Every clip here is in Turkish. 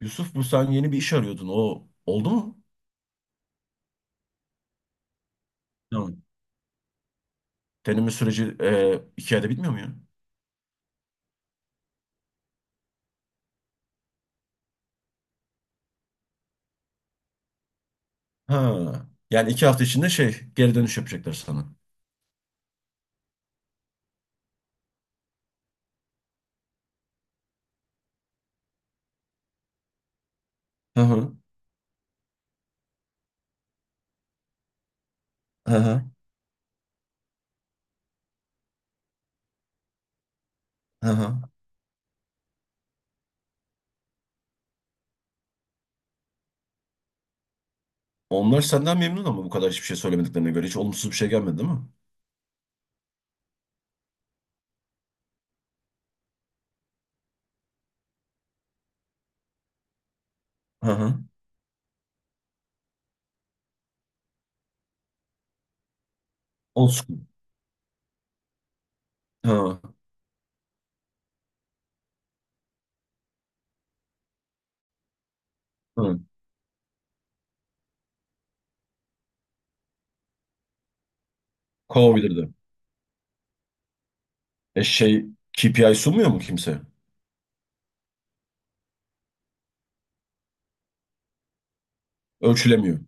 Yusuf, bu sen yeni bir iş arıyordun. O oldu mu? Tamam. Deneme süreci 2 ayda bitmiyor mu ya? Ha. Yani 2 hafta içinde geri dönüş yapacaklar sana. Hı hı. Hı hı. Hı hı. Onlar senden memnun ama bu kadar hiçbir şey söylemediklerine göre hiç olumsuz bir şey gelmedi, değil mi? Hı hı. Old school. Hı hı. Kovabilirdi. E şey KPI sunmuyor mu kimse? Ölçülemiyor.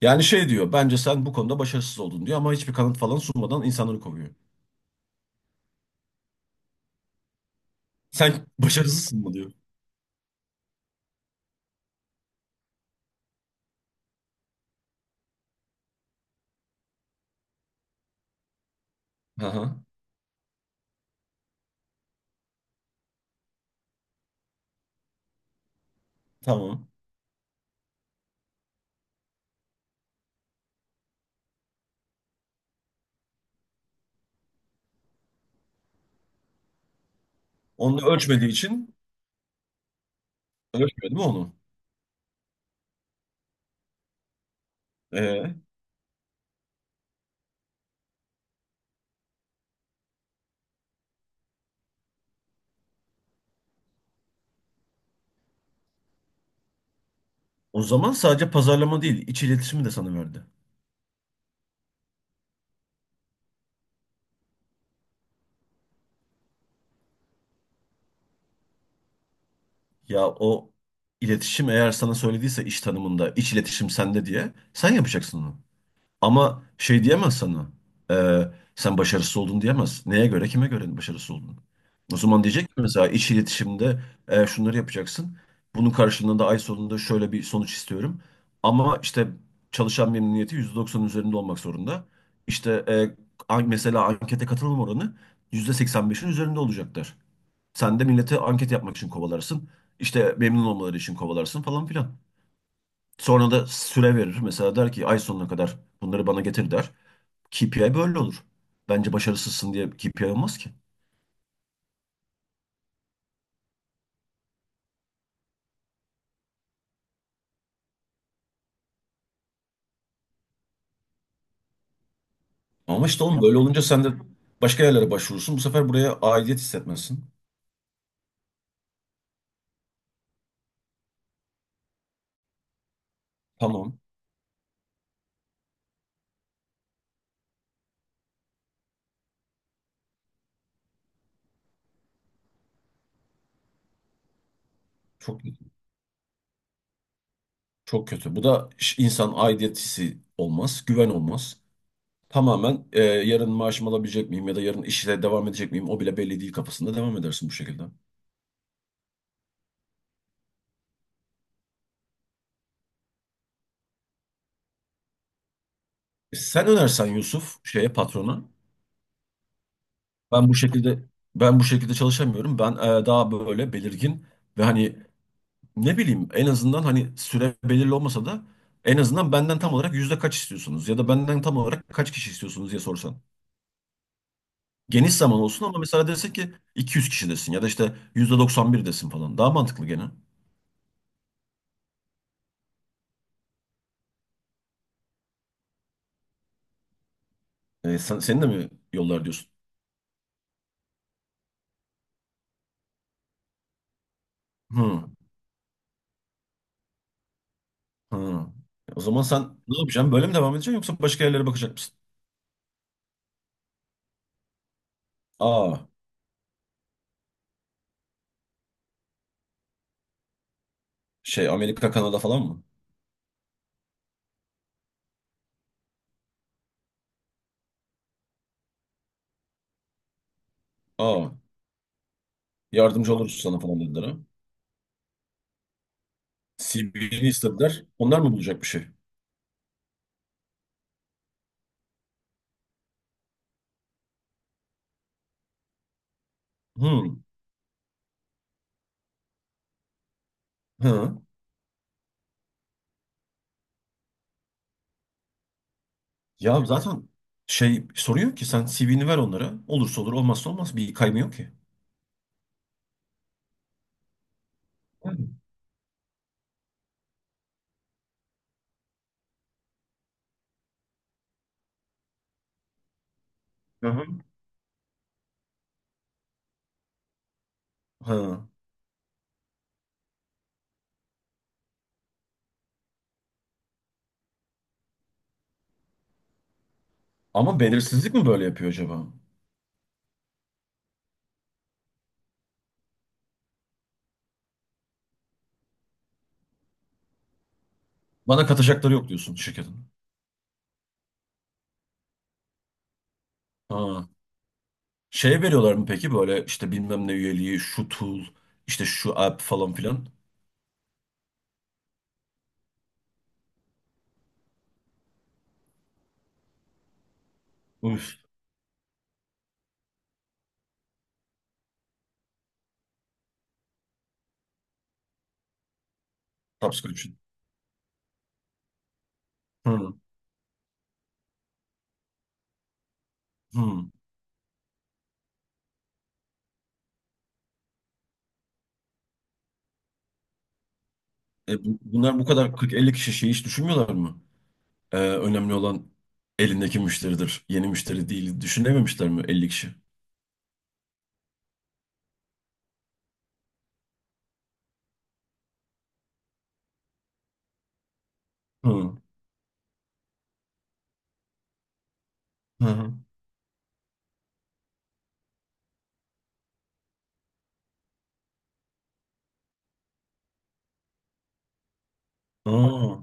Yani şey diyor, bence sen bu konuda başarısız oldun diyor ama hiçbir kanıt falan sunmadan insanları kovuyor. Sen başarısızsın mı diyor. Hı hı. Tamam. Onu da ölçmediği için ölçmedi mi onu? Ee, O zaman sadece pazarlama değil, iç iletişimi de sana verdi. Ya o iletişim eğer sana söylediyse iş tanımında iç iletişim sende diye sen yapacaksın onu. Ama şey diyemez sana. e, Sen başarısız oldun diyemez. Neye göre, kime göre başarısız oldun? O zaman diyecek ki mesela iç iletişimde şunları yapacaksın. Bunun karşılığında ay sonunda şöyle bir sonuç istiyorum. Ama işte çalışan memnuniyeti %90 üzerinde olmak zorunda. İşte mesela ankete katılım oranı %85'in üzerinde olacaklar. Sen de millete anket yapmak için kovalarsın. İşte memnun olmaları için kovalarsın falan filan. Sonra da süre verir. Mesela der ki ay sonuna kadar bunları bana getir, der. KPI böyle olur. Bence başarısızsın diye KPI olmaz ki. Ama işte oğlum böyle olunca sen de başka yerlere başvurursun. Bu sefer buraya aidiyet hissetmesin. Tamam. Çok çok kötü. Bu da insan aidiyet hissi olmaz. Güven olmaz. Tamamen yarın maaşımı alabilecek miyim ya da yarın işle devam edecek miyim, o bile belli değil kafasında devam edersin bu şekilde. E, sen önersen Yusuf, şeye, patrona. Ben bu şekilde ben bu şekilde çalışamıyorum. Ben daha böyle belirgin ve hani ne bileyim, en azından hani süre belirli olmasa da en azından benden tam olarak yüzde kaç istiyorsunuz ya da benden tam olarak kaç kişi istiyorsunuz diye sorsan. Geniş zaman olsun ama mesela desek ki 200 kişi desin ya da işte %91 desin falan. Daha mantıklı gene. E, senin de mi yollar diyorsun? Hı, hı. O zaman sen ne yapacaksın? Böyle mi devam edeceksin yoksa başka yerlere bakacak mısın? Aa, Amerika, Kanada falan mı? Aa, yardımcı oluruz sana falan dediler ha. CV'ni istediler. Onlar mı bulacak bir şey? Hmm. Hı. Ya zaten şey soruyor ki sen CV'ni ver onlara. Olursa olur, olmazsa olmaz. Bir kaymıyor ki. Hı hı. Hı. Ama belirsizlik mi böyle yapıyor acaba? Bana katacakları yok diyorsun şirketin. Ha. Şeye veriyorlar mı peki, böyle işte bilmem ne üyeliği, şu tool, işte şu app falan filan. Üf. Subscription. Hı. Hı. Bunlar bu kadar 40-50 kişi şeyi hiç düşünmüyorlar mı? Önemli olan elindeki müşteridir. Yeni müşteri değil. Düşünememişler mi 50 kişi? Hı. Hı hı. Aa.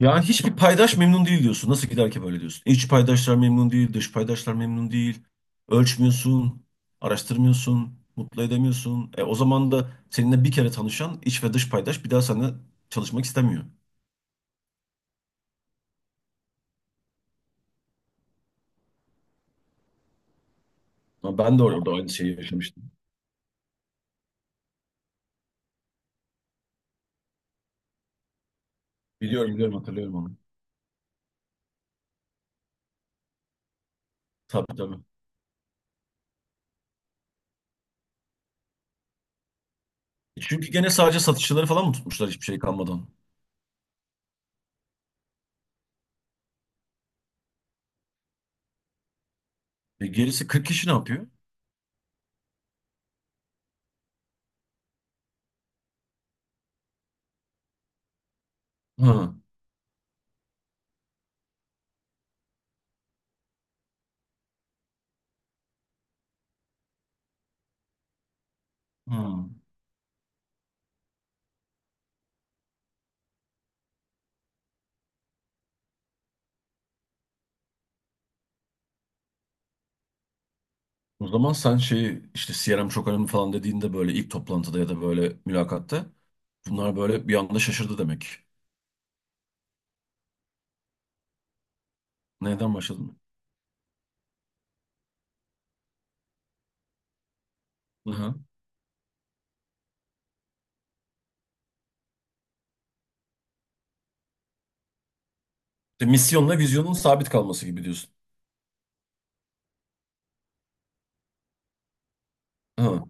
Yani hiçbir paydaş memnun değil diyorsun. Nasıl gider ki böyle diyorsun? İç paydaşlar memnun değil, dış paydaşlar memnun değil. Ölçmüyorsun, araştırmıyorsun, mutlu edemiyorsun. E, o zaman da seninle bir kere tanışan iç ve dış paydaş bir daha seninle çalışmak istemiyor. Ama ben de orada aynı şeyi yaşamıştım. Biliyorum, biliyorum, hatırlıyorum onu. Tabii tabii. E, çünkü gene sadece satışçıları falan mı tutmuşlar hiçbir şey kalmadan? E, gerisi 40 kişi ne yapıyor? Hı. Ha. O zaman sen şeyi işte CRM çok önemli falan dediğinde böyle ilk toplantıda ya da böyle mülakatta bunlar böyle bir anda şaşırdı demek. Neden başladın? Hı. İşte misyonla vizyonun sabit kalması gibi diyorsun. Ha.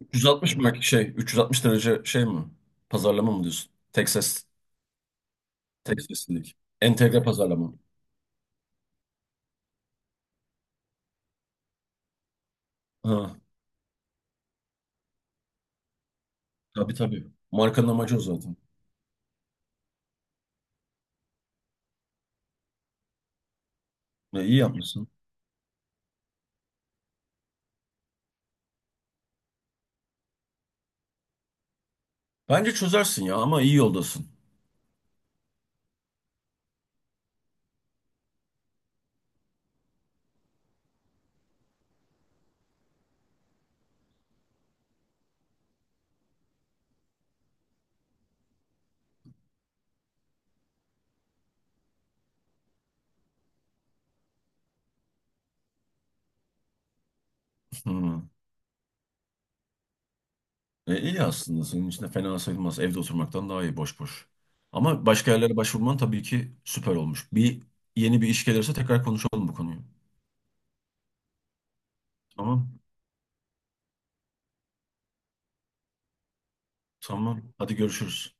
360 derece şey mi? Pazarlama mı diyorsun? Tek ses, tek seslilik. Entegre pazarlama. Ha. Tabii tabii. Markanın amacı o zaten. Ya, iyi yapmışsın. Bence çözersin ya ama iyi yoldasın. Hı. E, iyi aslında senin için de fena sayılmaz. Evde oturmaktan daha iyi boş boş. Ama başka yerlere başvurman tabii ki süper olmuş. Yeni bir iş gelirse tekrar konuşalım bu konuyu. Tamam. Tamam. Hadi görüşürüz.